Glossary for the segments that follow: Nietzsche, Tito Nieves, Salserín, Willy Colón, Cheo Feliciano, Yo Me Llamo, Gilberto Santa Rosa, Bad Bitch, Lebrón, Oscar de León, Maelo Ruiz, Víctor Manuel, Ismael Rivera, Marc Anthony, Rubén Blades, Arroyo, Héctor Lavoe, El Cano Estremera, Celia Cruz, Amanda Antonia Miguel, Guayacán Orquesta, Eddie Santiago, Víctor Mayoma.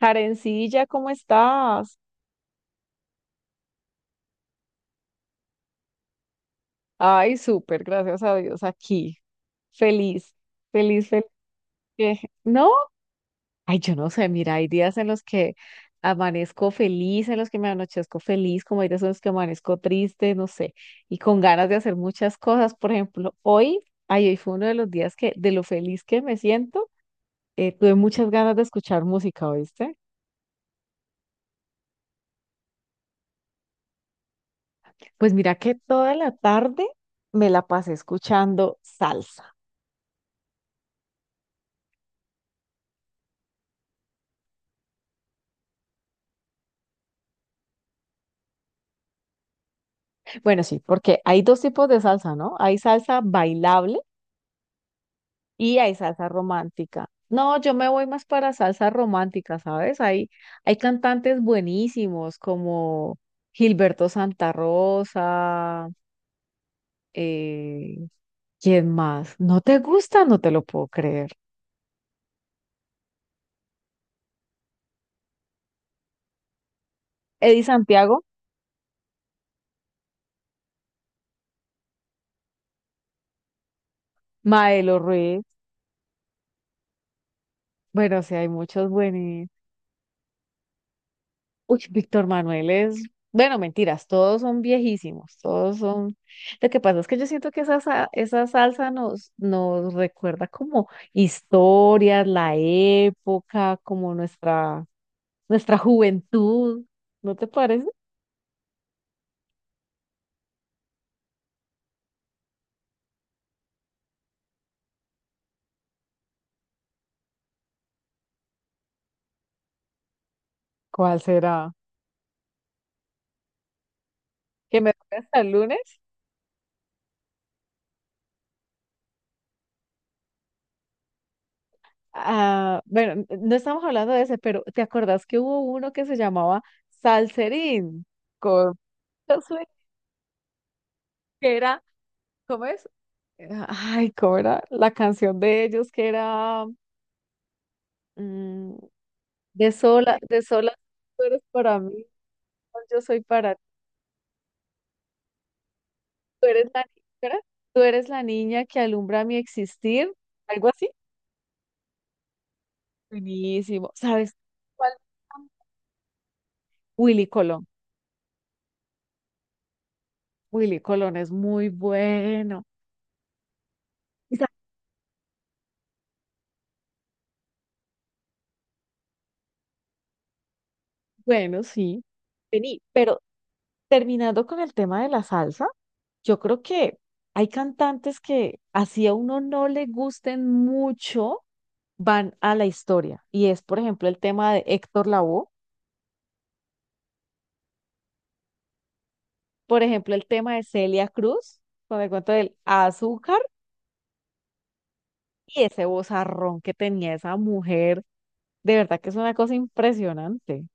Jarencilla, ¿cómo estás? Ay, súper, gracias a Dios, aquí. Feliz, feliz, feliz. ¿No? Ay, yo no sé, mira, hay días en los que amanezco feliz, en los que me anochezco feliz, como hay días en los que amanezco triste, no sé, y con ganas de hacer muchas cosas. Por ejemplo, hoy, ay, hoy fue uno de los días que, de lo feliz que me siento, tuve muchas ganas de escuchar música, ¿oíste? Pues mira que toda la tarde me la pasé escuchando salsa. Bueno, sí, porque hay dos tipos de salsa, ¿no? Hay salsa bailable y hay salsa romántica. No, yo me voy más para salsa romántica, ¿sabes? Hay cantantes buenísimos como Gilberto Santa Rosa, eh, ¿quién más? ¿No te gusta? No te lo puedo creer. Eddie Santiago, Maelo Ruiz. Bueno, sí, hay muchos buenos. Uy, Víctor Manuel es, bueno, mentiras, todos son viejísimos, todos son. Lo que pasa es que yo siento que esa salsa nos recuerda como historias, la época, como nuestra juventud, ¿no te parece? ¿Cuál será? ¿Que me toque hasta el lunes? Ah, bueno, no estamos hablando de ese, pero ¿te acordás que hubo uno que se llamaba Salserín? Con que era, ¿cómo es? Ay, ¿cómo era? La canción de ellos que era mm, de sola, tú eres para mí, no, yo soy para ti, tú eres la, ni- Tú eres la niña que alumbra mi existir, algo así. Buenísimo. ¿Sabes cuál? Willy Colón. Willy Colón es muy bueno. Y sa- Bueno, sí. Vení, pero terminando con el tema de la salsa, yo creo que hay cantantes que así a uno no le gusten mucho van a la historia. Y es, por ejemplo, el tema de Héctor Lavoe, por ejemplo, el tema de Celia Cruz, con el cuento del azúcar y ese vozarrón que tenía esa mujer. De verdad que es una cosa impresionante.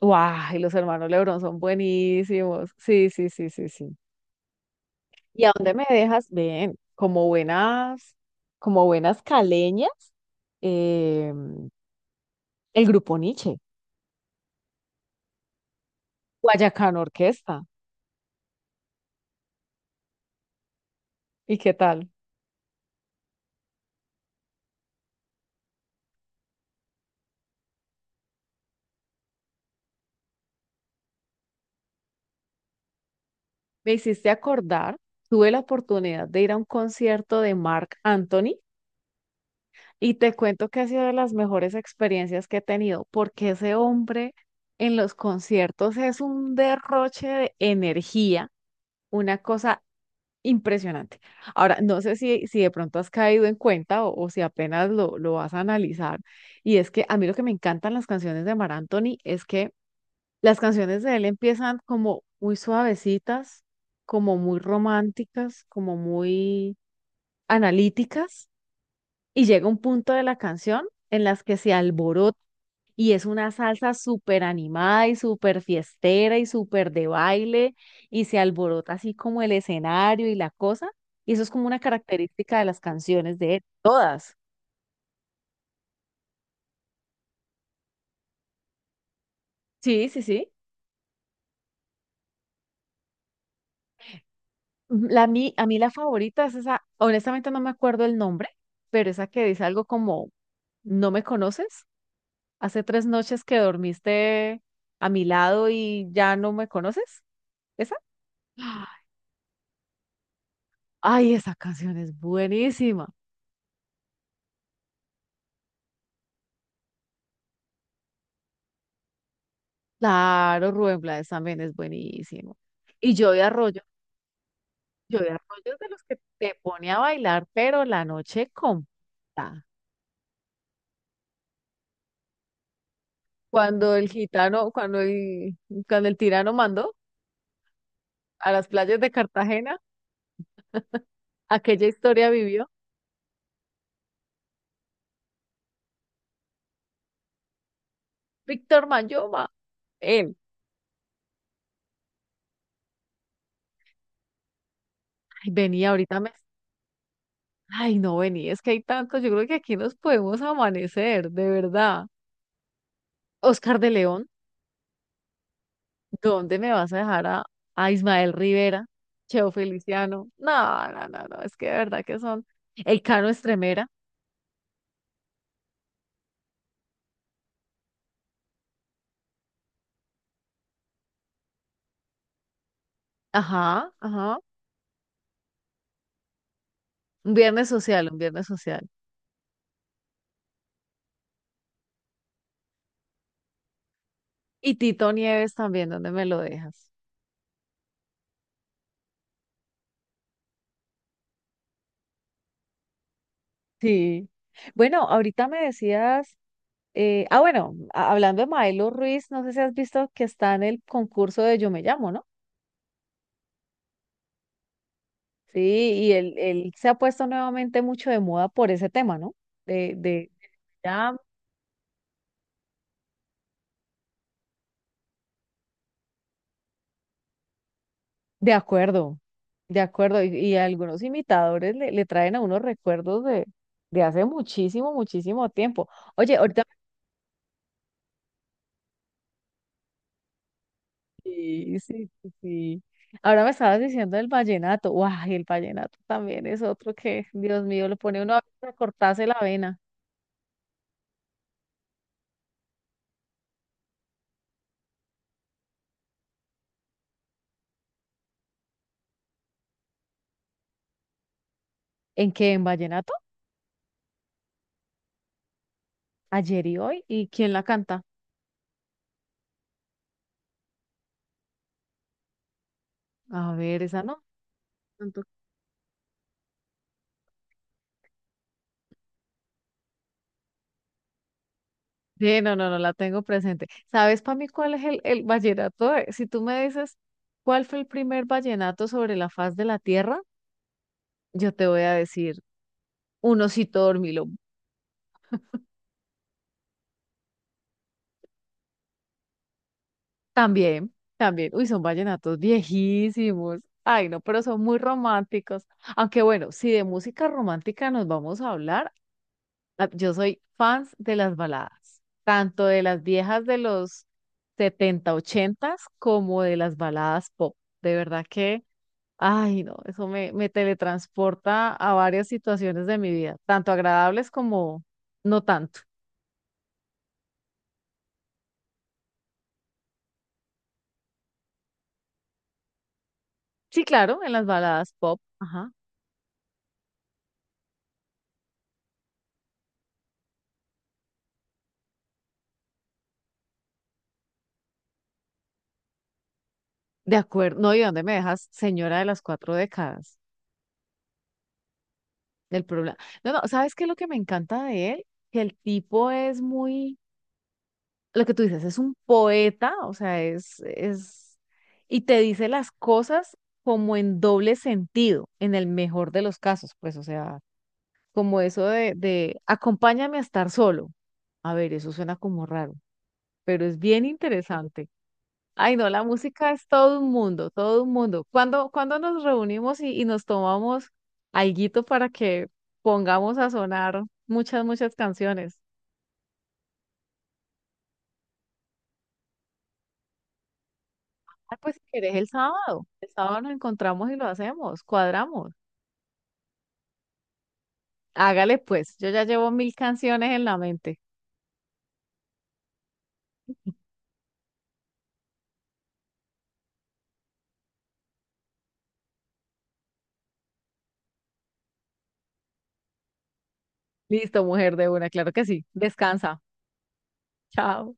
¡Guau! Y los hermanos Lebrón son buenísimos. Sí, sí, sí, sí, sí. ¿Y a dónde me dejas? Bien, como buenas caleñas, eh, el grupo Nietzsche, Guayacán Orquesta. ¿Y qué tal? Me hiciste acordar, tuve la oportunidad de ir a un concierto de Marc Anthony y te cuento que ha sido de las mejores experiencias que he tenido, porque ese hombre en los conciertos es un derroche de energía, una cosa impresionante. Ahora, no sé si de pronto has caído en cuenta o si apenas lo vas a analizar, y es que a mí lo que me encantan las canciones de Marc Anthony es que las canciones de él empiezan como muy suavecitas, como muy románticas, como muy analíticas, y llega un punto de la canción en las que se alborota y es una salsa súper animada y súper fiestera y súper de baile y se alborota así como el escenario y la cosa, y eso es como una característica de las canciones de él. Todas. Sí, sí, sí. La, a mí la favorita es esa, honestamente no me acuerdo el nombre, pero esa que dice algo como, ¿no me conoces? Hace 3 noches que dormiste a mi lado y ya no me conoces. ¿Esa? ¡Ah! Ay, esa canción es buenísima. Claro, Rubén Blades también es buenísimo. Y yo de Arroyo es de los que te pone a bailar, pero la noche completa. Cuando el gitano, cuando el tirano mandó a las playas de Cartagena. Aquella historia vivió Víctor Mayoma. Él, ay, vení, ahorita me... Ay, no, vení, es que hay tantos, yo creo que aquí nos podemos amanecer, de verdad. Oscar de León, ¿dónde me vas a dejar a, Ismael Rivera, Cheo Feliciano? No, no, no, no, es que de verdad que son... El Cano Estremera, ajá, ajá. Un viernes social, un viernes social. Y Tito Nieves también, ¿dónde me lo dejas? Sí. Bueno, ahorita me decías... Ah, bueno, hablando de Maelo Ruiz, no sé si has visto que está en el concurso de Yo Me Llamo, ¿no? Sí, y él se ha puesto nuevamente mucho de moda por ese tema, ¿no? De, de, ya, de acuerdo, de acuerdo. Y algunos imitadores le traen a unos recuerdos de hace muchísimo, muchísimo tiempo. Oye, ahorita, sí, sí, sí. Sí. Ahora me estabas diciendo el vallenato. ¡Guau! El vallenato también es otro que, Dios mío, lo pone uno a cortarse la vena. ¿En qué? ¿En vallenato? Ayer y hoy. ¿Y quién la canta? A ver, esa no. tanto- Sí, no, no, no la tengo presente. ¿Sabes para mí cuál es el vallenato? Si tú me dices cuál fue el primer vallenato sobre la faz de la tierra, yo te voy a decir un osito dormilón. También, también. Uy, son vallenatos viejísimos. Ay, no, pero son muy románticos. Aunque bueno, si de música romántica nos vamos a hablar. Ah, yo soy fans de las baladas, tanto de las viejas de los 70 80 como de las baladas pop. De verdad que, ay, no, eso me teletransporta a varias situaciones de mi vida, tanto agradables como no tanto. Sí, claro, en las baladas pop, ajá. De acuerdo, no, ¿y dónde me dejas, señora de las cuatro décadas? El problema. No, no, ¿sabes qué es lo que me encanta de él? Que el tipo es muy lo que tú dices, es un poeta, o sea, y te dice las cosas como en doble sentido, en el mejor de los casos, pues, o sea, como eso de acompáñame a estar solo. A ver, eso suena como raro, pero es bien interesante. Ay, no, la música es todo un mundo, todo un mundo. ¿Cuándo nos reunimos y nos tomamos alguito para que pongamos a sonar muchas, muchas canciones? Ah, pues si querés el sábado. El sábado nos encontramos y lo hacemos, cuadramos. Hágale pues, yo ya llevo mil canciones en la mente. Listo, mujer de una, claro que sí. Descansa. Chao.